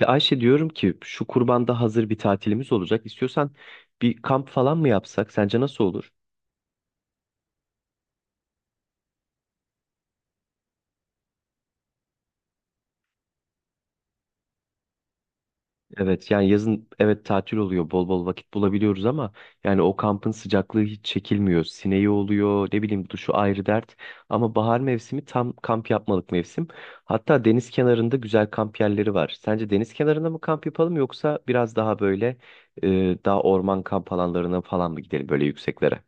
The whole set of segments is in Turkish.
Ya Ayşe diyorum ki şu kurbanda hazır bir tatilimiz olacak. İstiyorsan bir kamp falan mı yapsak? Sence nasıl olur? Evet yani yazın evet tatil oluyor. Bol bol vakit bulabiliyoruz ama yani o kampın sıcaklığı hiç çekilmiyor. Sineği oluyor, ne bileyim duşu ayrı dert. Ama bahar mevsimi tam kamp yapmalık mevsim. Hatta deniz kenarında güzel kamp yerleri var. Sence deniz kenarında mı kamp yapalım yoksa biraz daha böyle e, daha orman kamp alanlarına falan mı gidelim böyle yükseklere?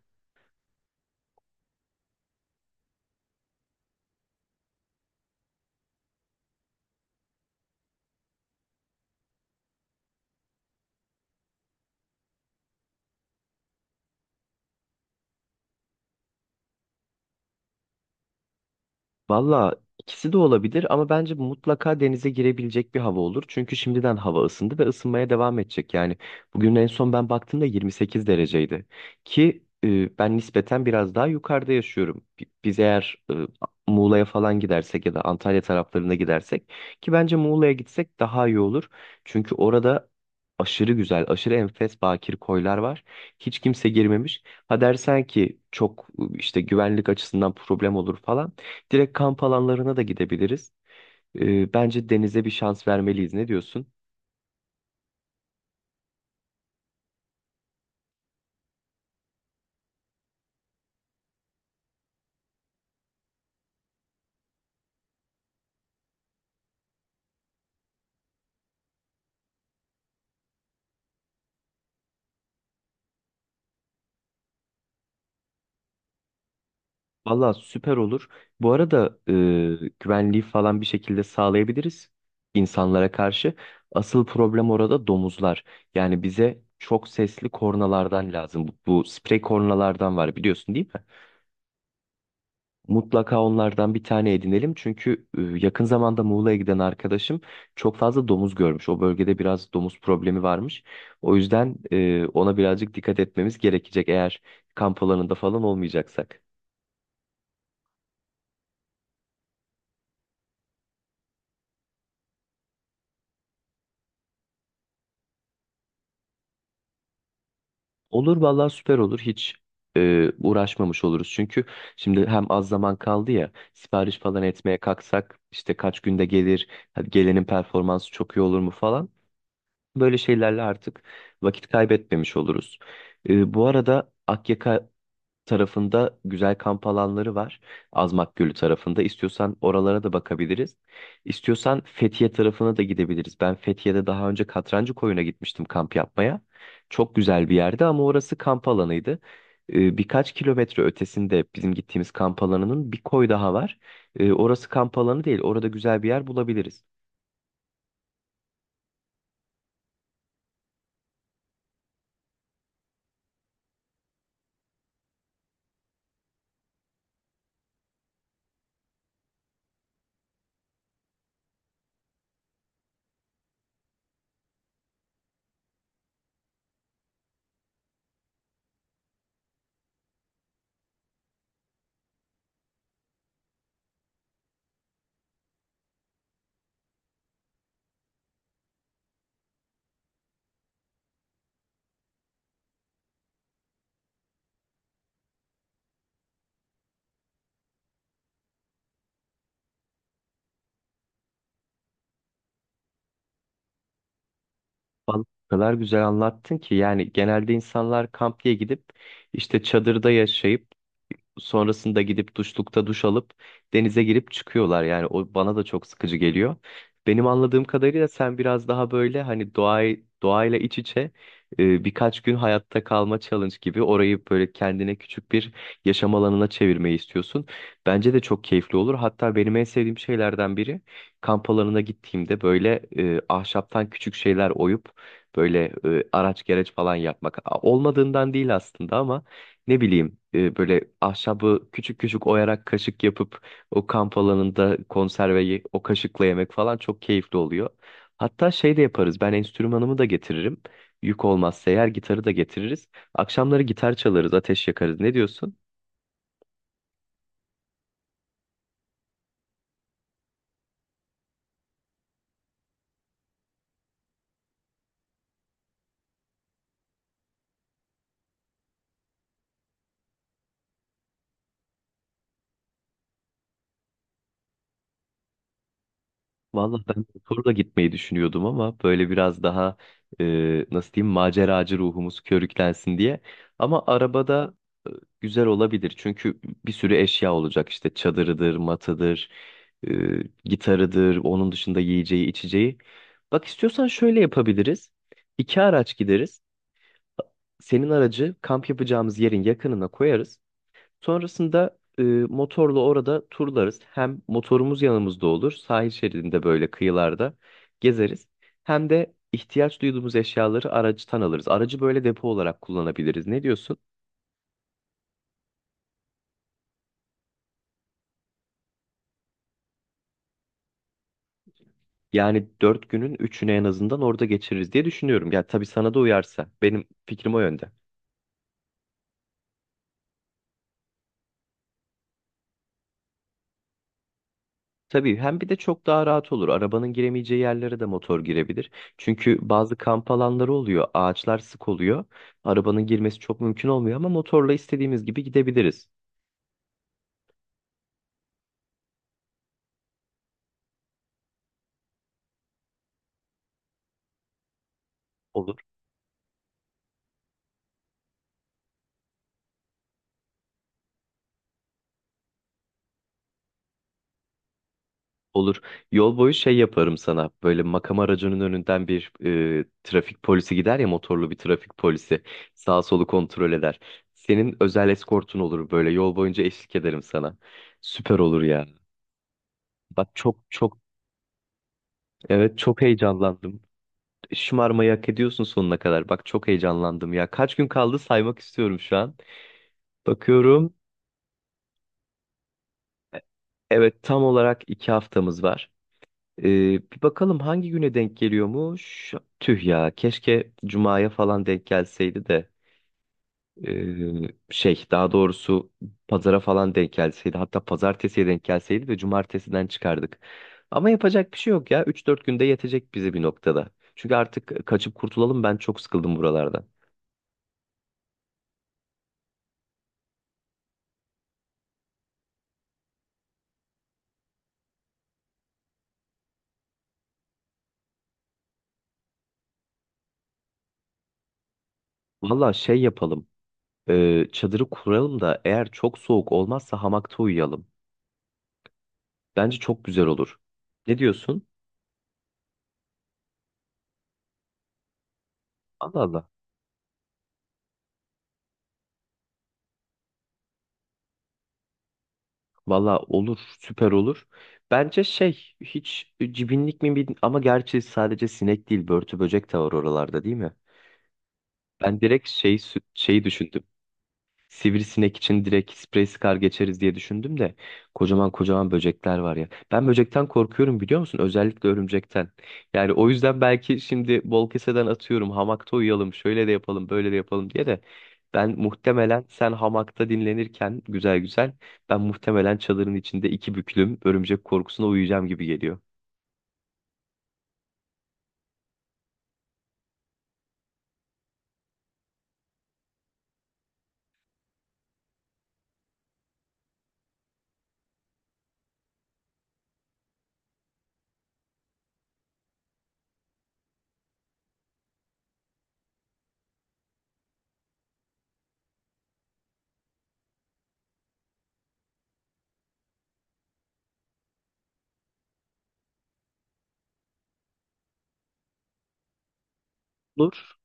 Valla ikisi de olabilir ama bence mutlaka denize girebilecek bir hava olur. Çünkü şimdiden hava ısındı ve ısınmaya devam edecek. Yani bugün en son ben baktığımda 28 dereceydi. Ki ben nispeten biraz daha yukarıda yaşıyorum. Biz eğer Muğla'ya falan gidersek ya da Antalya taraflarına gidersek ki bence Muğla'ya gitsek daha iyi olur. Çünkü orada aşırı güzel, aşırı enfes bakir koylar var. Hiç kimse girmemiş. Ha dersen ki çok işte güvenlik açısından problem olur falan. Direkt kamp alanlarına da gidebiliriz. Bence denize bir şans vermeliyiz. Ne diyorsun? Valla süper olur. Bu arada güvenliği falan bir şekilde sağlayabiliriz insanlara karşı. Asıl problem orada domuzlar. Yani bize çok sesli kornalardan lazım. Bu sprey kornalardan var biliyorsun değil mi? Mutlaka onlardan bir tane edinelim. Çünkü yakın zamanda Muğla'ya giden arkadaşım çok fazla domuz görmüş. O bölgede biraz domuz problemi varmış. O yüzden ona birazcık dikkat etmemiz gerekecek eğer kamp alanında falan olmayacaksak. Olur vallahi süper olur. Hiç uğraşmamış oluruz. Çünkü şimdi hem az zaman kaldı ya sipariş falan etmeye kalksak işte kaç günde gelir, hadi gelenin performansı çok iyi olur mu falan. Böyle şeylerle artık vakit kaybetmemiş oluruz. Bu arada Akyaka tarafında güzel kamp alanları var. Azmak Gölü tarafında. İstiyorsan oralara da bakabiliriz. İstiyorsan Fethiye tarafına da gidebiliriz. Ben Fethiye'de daha önce Katrancı Koyun'a gitmiştim kamp yapmaya. Çok güzel bir yerdi ama orası kamp alanıydı. Birkaç kilometre ötesinde bizim gittiğimiz kamp alanının bir koy daha var. Orası kamp alanı değil. Orada güzel bir yer bulabiliriz. Vallahi o kadar güzel anlattın ki yani genelde insanlar kamp diye gidip işte çadırda yaşayıp sonrasında gidip duşlukta duş alıp denize girip çıkıyorlar. Yani o bana da çok sıkıcı geliyor. Benim anladığım kadarıyla sen biraz daha böyle hani doğayı doğayla iç içe birkaç gün hayatta kalma challenge gibi orayı böyle kendine küçük bir yaşam alanına çevirmeyi istiyorsun. Bence de çok keyifli olur. Hatta benim en sevdiğim şeylerden biri kamp alanına gittiğimde böyle ahşaptan küçük şeyler oyup böyle araç gereç falan yapmak. Olmadığından değil aslında ama ne bileyim böyle ahşabı küçük küçük oyarak kaşık yapıp o kamp alanında konserveyi o kaşıkla yemek falan çok keyifli oluyor. Hatta şey de yaparız. Ben enstrümanımı da getiririm. Yük olmazsa eğer gitarı da getiririz. Akşamları gitar çalarız, ateş yakarız. Ne diyorsun? Vallahi ben motorla gitmeyi düşünüyordum ama böyle biraz daha nasıl diyeyim maceracı ruhumuz körüklensin diye. Ama arabada e, güzel olabilir çünkü bir sürü eşya olacak işte çadırıdır, matıdır, e, gitarıdır, onun dışında yiyeceği, içeceği. Bak istiyorsan şöyle yapabiliriz. İki araç gideriz. Senin aracı kamp yapacağımız yerin yakınına koyarız. Sonrasında motorla orada turlarız. Hem motorumuz yanımızda olur, sahil şeridinde böyle kıyılarda gezeriz. Hem de ihtiyaç duyduğumuz eşyaları aracıtan alırız. Aracı böyle depo olarak kullanabiliriz. Ne diyorsun? Yani dört günün üçünü en azından orada geçiririz diye düşünüyorum. Ya tabii sana da uyarsa. Benim fikrim o yönde. Tabii hem bir de çok daha rahat olur. Arabanın giremeyeceği yerlere de motor girebilir. Çünkü bazı kamp alanları oluyor. Ağaçlar sık oluyor. Arabanın girmesi çok mümkün olmuyor ama motorla istediğimiz gibi gidebiliriz. Olur, olur. Yol boyu şey yaparım sana. Böyle makam aracının önünden bir trafik polisi gider ya motorlu bir trafik polisi. Sağ solu kontrol eder. Senin özel eskortun olur böyle. Yol boyunca eşlik ederim sana. Süper olur ya. Bak çok evet çok heyecanlandım. Şımarmayı hak ediyorsun sonuna kadar. Bak çok heyecanlandım ya. Kaç gün kaldı saymak istiyorum şu an. Bakıyorum. Evet tam olarak iki haftamız var. Ee, Bir bakalım hangi güne denk geliyormuş? Tüh ya, keşke Cuma'ya falan denk gelseydi de daha doğrusu pazara falan denk gelseydi hatta pazartesiye denk gelseydi de cumartesiden çıkardık. Ama yapacak bir şey yok ya üç dört günde yetecek bizi bir noktada. Çünkü artık kaçıp kurtulalım ben çok sıkıldım buralardan. Valla şey yapalım çadırı kuralım da eğer çok soğuk olmazsa hamakta uyuyalım. Bence çok güzel olur. Ne diyorsun? Allah Allah. Valla olur, süper olur. Bence şey, hiç cibinlik mi bilmiyorum ama gerçi sadece sinek değil, börtü böcek de var oralarda değil mi? Ben direkt şeyi düşündüm. Sivrisinek için direkt sprey sıkar geçeriz diye düşündüm de kocaman kocaman böcekler var ya. Ben böcekten korkuyorum biliyor musun? Özellikle örümcekten. Yani o yüzden belki şimdi bol keseden atıyorum hamakta uyuyalım şöyle de yapalım böyle de yapalım diye de ben muhtemelen sen hamakta dinlenirken güzel güzel ben muhtemelen çadırın içinde iki büklüm örümcek korkusuna uyuyacağım gibi geliyor. Olur.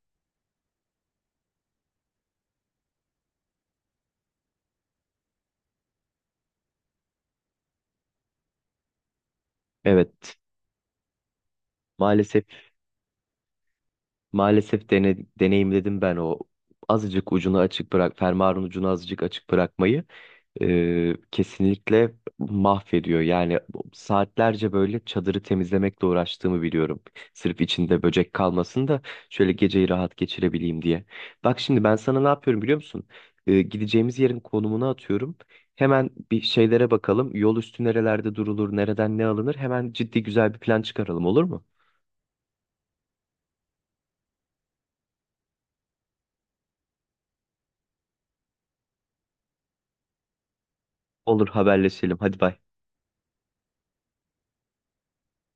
Evet. Maalesef maalesef deneyimledim ben o azıcık ucunu açık bırak fermuarın ucunu azıcık açık bırakmayı. Kesinlikle mahvediyor. Yani saatlerce böyle çadırı temizlemekle uğraştığımı biliyorum. Sırf içinde böcek kalmasın da şöyle geceyi rahat geçirebileyim diye. Bak şimdi ben sana ne yapıyorum biliyor musun? Gideceğimiz yerin konumunu atıyorum. Hemen bir şeylere bakalım. Yol üstü nerelerde durulur, nereden ne alınır? Hemen ciddi güzel bir plan çıkaralım olur mu? Olur haberleşelim. Hadi bay.